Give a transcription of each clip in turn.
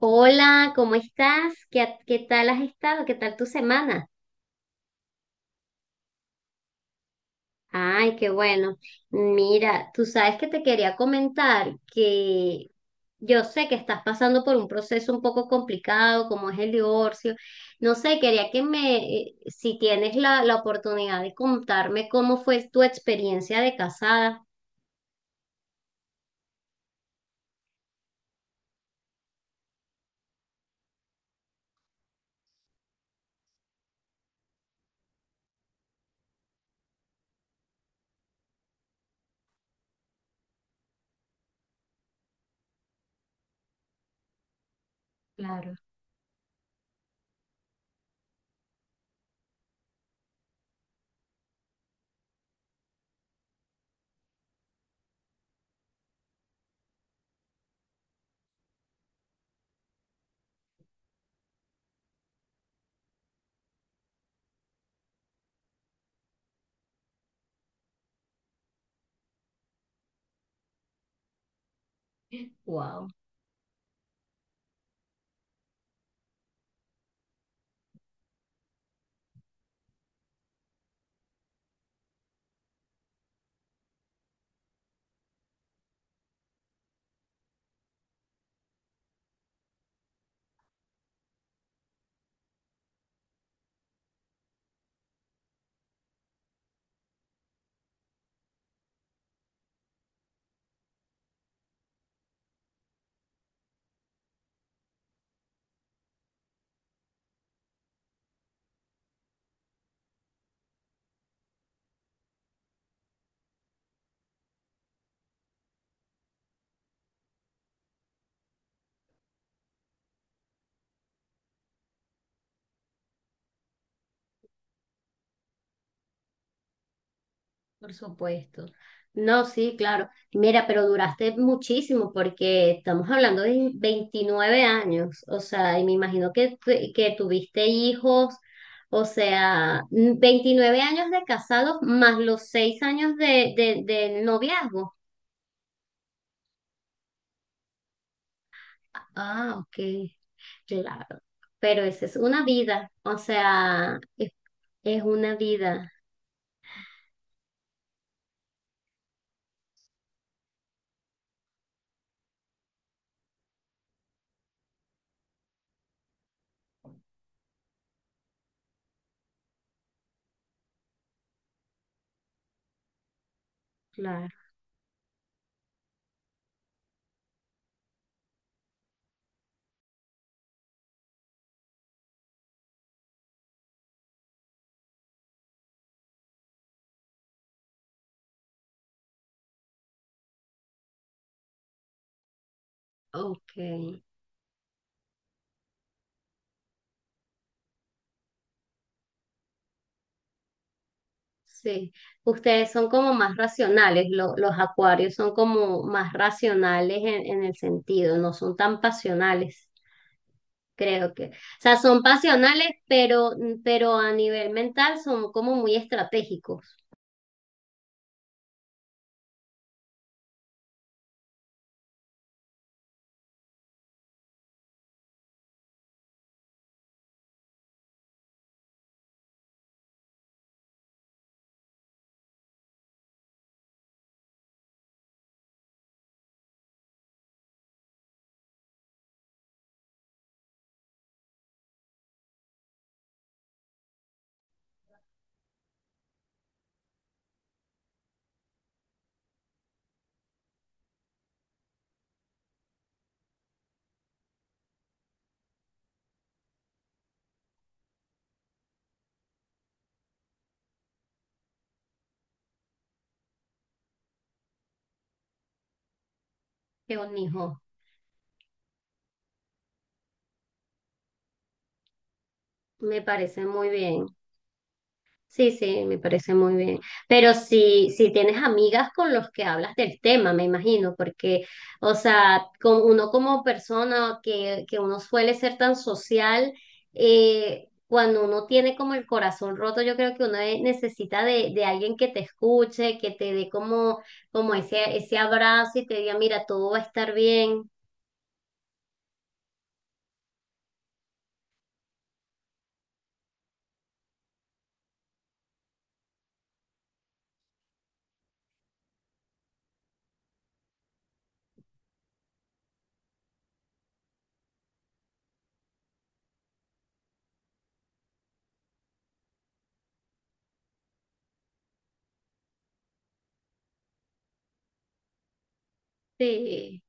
Hola, ¿cómo estás? ¿Qué tal has estado? ¿Qué tal tu semana? Ay, qué bueno. Mira, tú sabes que te quería comentar que yo sé que estás pasando por un proceso un poco complicado, como es el divorcio. No sé, si tienes la oportunidad de contarme cómo fue tu experiencia de casada. Claro, wow. Por supuesto. No, sí, claro. Mira, pero duraste muchísimo porque estamos hablando de 29 años, o sea, y me imagino que, que tuviste hijos, o sea, 29 años de casados más los 6 años de noviazgo. Ah, ok, claro. Pero esa es una vida, es una vida, claro. Ok. Sí, ustedes son como más racionales, los acuarios son como más racionales en el sentido, no son tan pasionales, creo que. O sea, son pasionales, pero a nivel mental son como muy estratégicos. Qué bonito, me parece muy bien. Sí, sí, me parece muy bien. Pero si tienes amigas con los que hablas del tema, me imagino, porque, o sea, con uno como persona que uno suele ser tan social, cuando uno tiene como el corazón roto, yo creo que uno necesita de alguien que te escuche, que te dé como, como ese abrazo y te diga, mira, todo va a estar bien. Sí,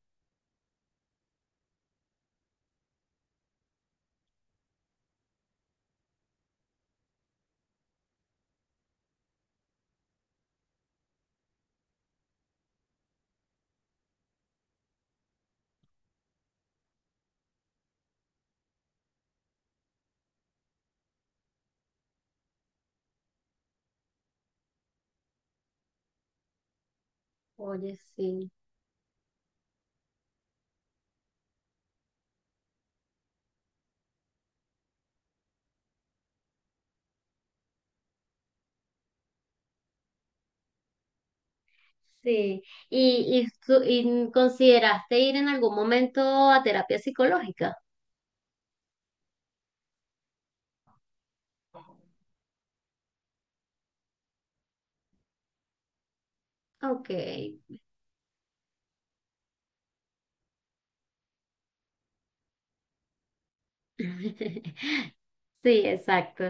oye, sí. Sí. ¿Y consideraste ir en algún momento a terapia psicológica? Ok. Sí, exacto.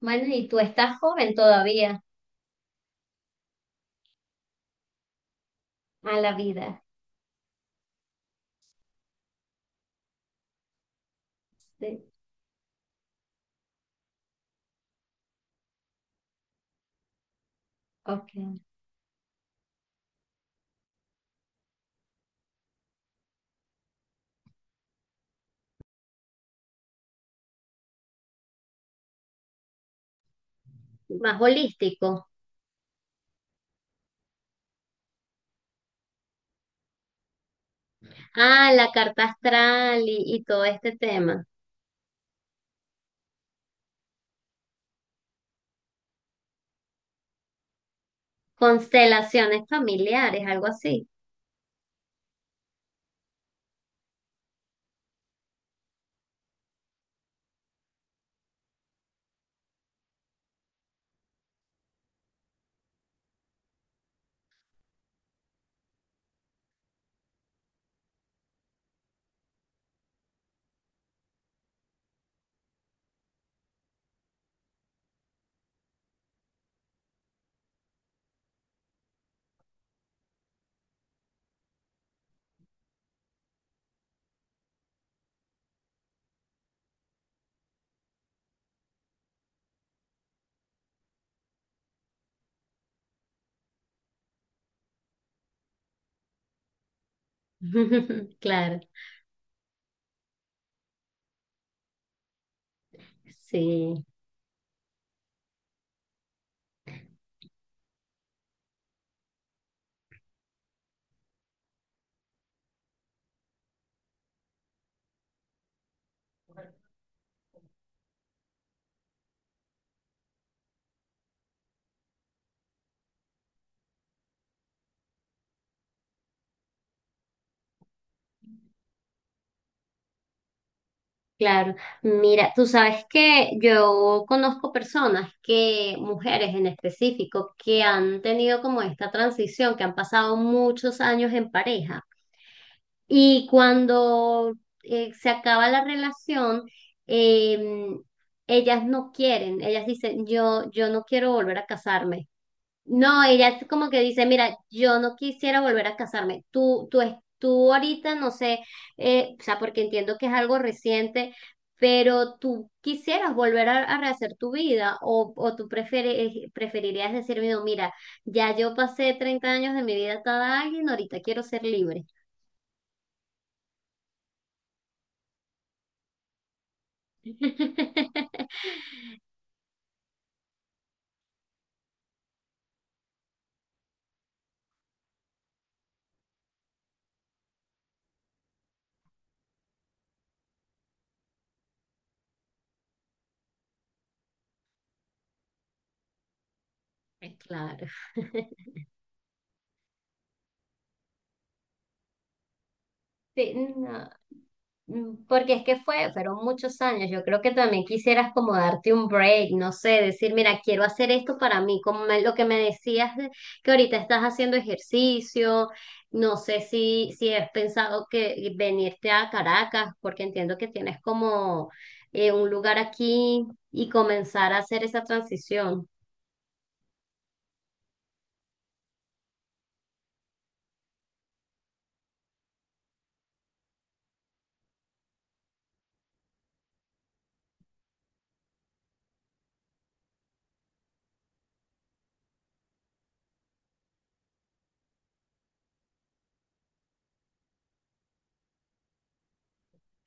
Bueno, y tú estás joven todavía a la vida. Sí. Ok. Más holístico. Ah, la carta astral y todo este tema. Constelaciones familiares, algo así. Claro, sí. Claro, mira, tú sabes que yo conozco personas que, mujeres en específico, que han tenido como esta transición, que han pasado muchos años en pareja y cuando se acaba la relación, eh, ellas no quieren, ellas dicen, yo no quiero volver a casarme. No, ella es como que dice, mira, yo no quisiera volver a casarme. Tú ahorita, no sé, o sea, porque entiendo que es algo reciente, pero tú quisieras volver a rehacer tu vida o tú prefieres, preferirías decirme, no, mira, ya yo pasé 30 años de mi vida atada a alguien, ahorita quiero ser libre. Claro. Sí, no. Mm, porque es que fue, fueron muchos años. Yo creo que también quisieras como darte un break, no sé, decir, mira, quiero hacer esto para mí, lo que me decías que ahorita estás haciendo ejercicio, no sé si has pensado que venirte a Caracas, porque entiendo que tienes como un lugar aquí y comenzar a hacer esa transición.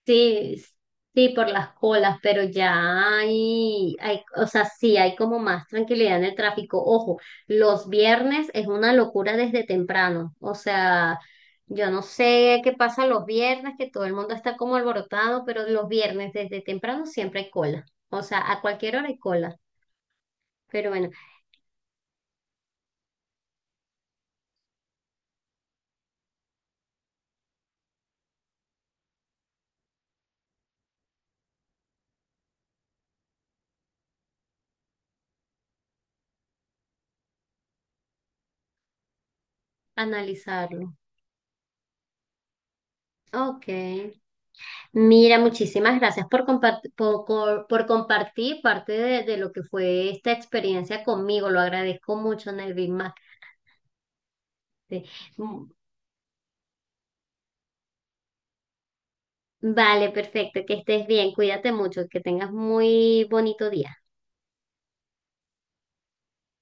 Sí, s- sí, por las colas, pero ya hay, o sea, sí, hay como más tranquilidad en el tráfico. Ojo, los viernes es una locura desde temprano. O sea, yo no sé qué pasa los viernes, que todo el mundo está como alborotado, pero los viernes desde temprano siempre hay cola. O sea, a cualquier hora hay cola. Pero bueno, analizarlo. Ok. Mira, muchísimas gracias por, por compartir parte de lo que fue esta experiencia conmigo. Lo agradezco mucho, Nelvin. Que- Vale, perfecto. Que estés bien. Cuídate mucho. Que tengas muy bonito día.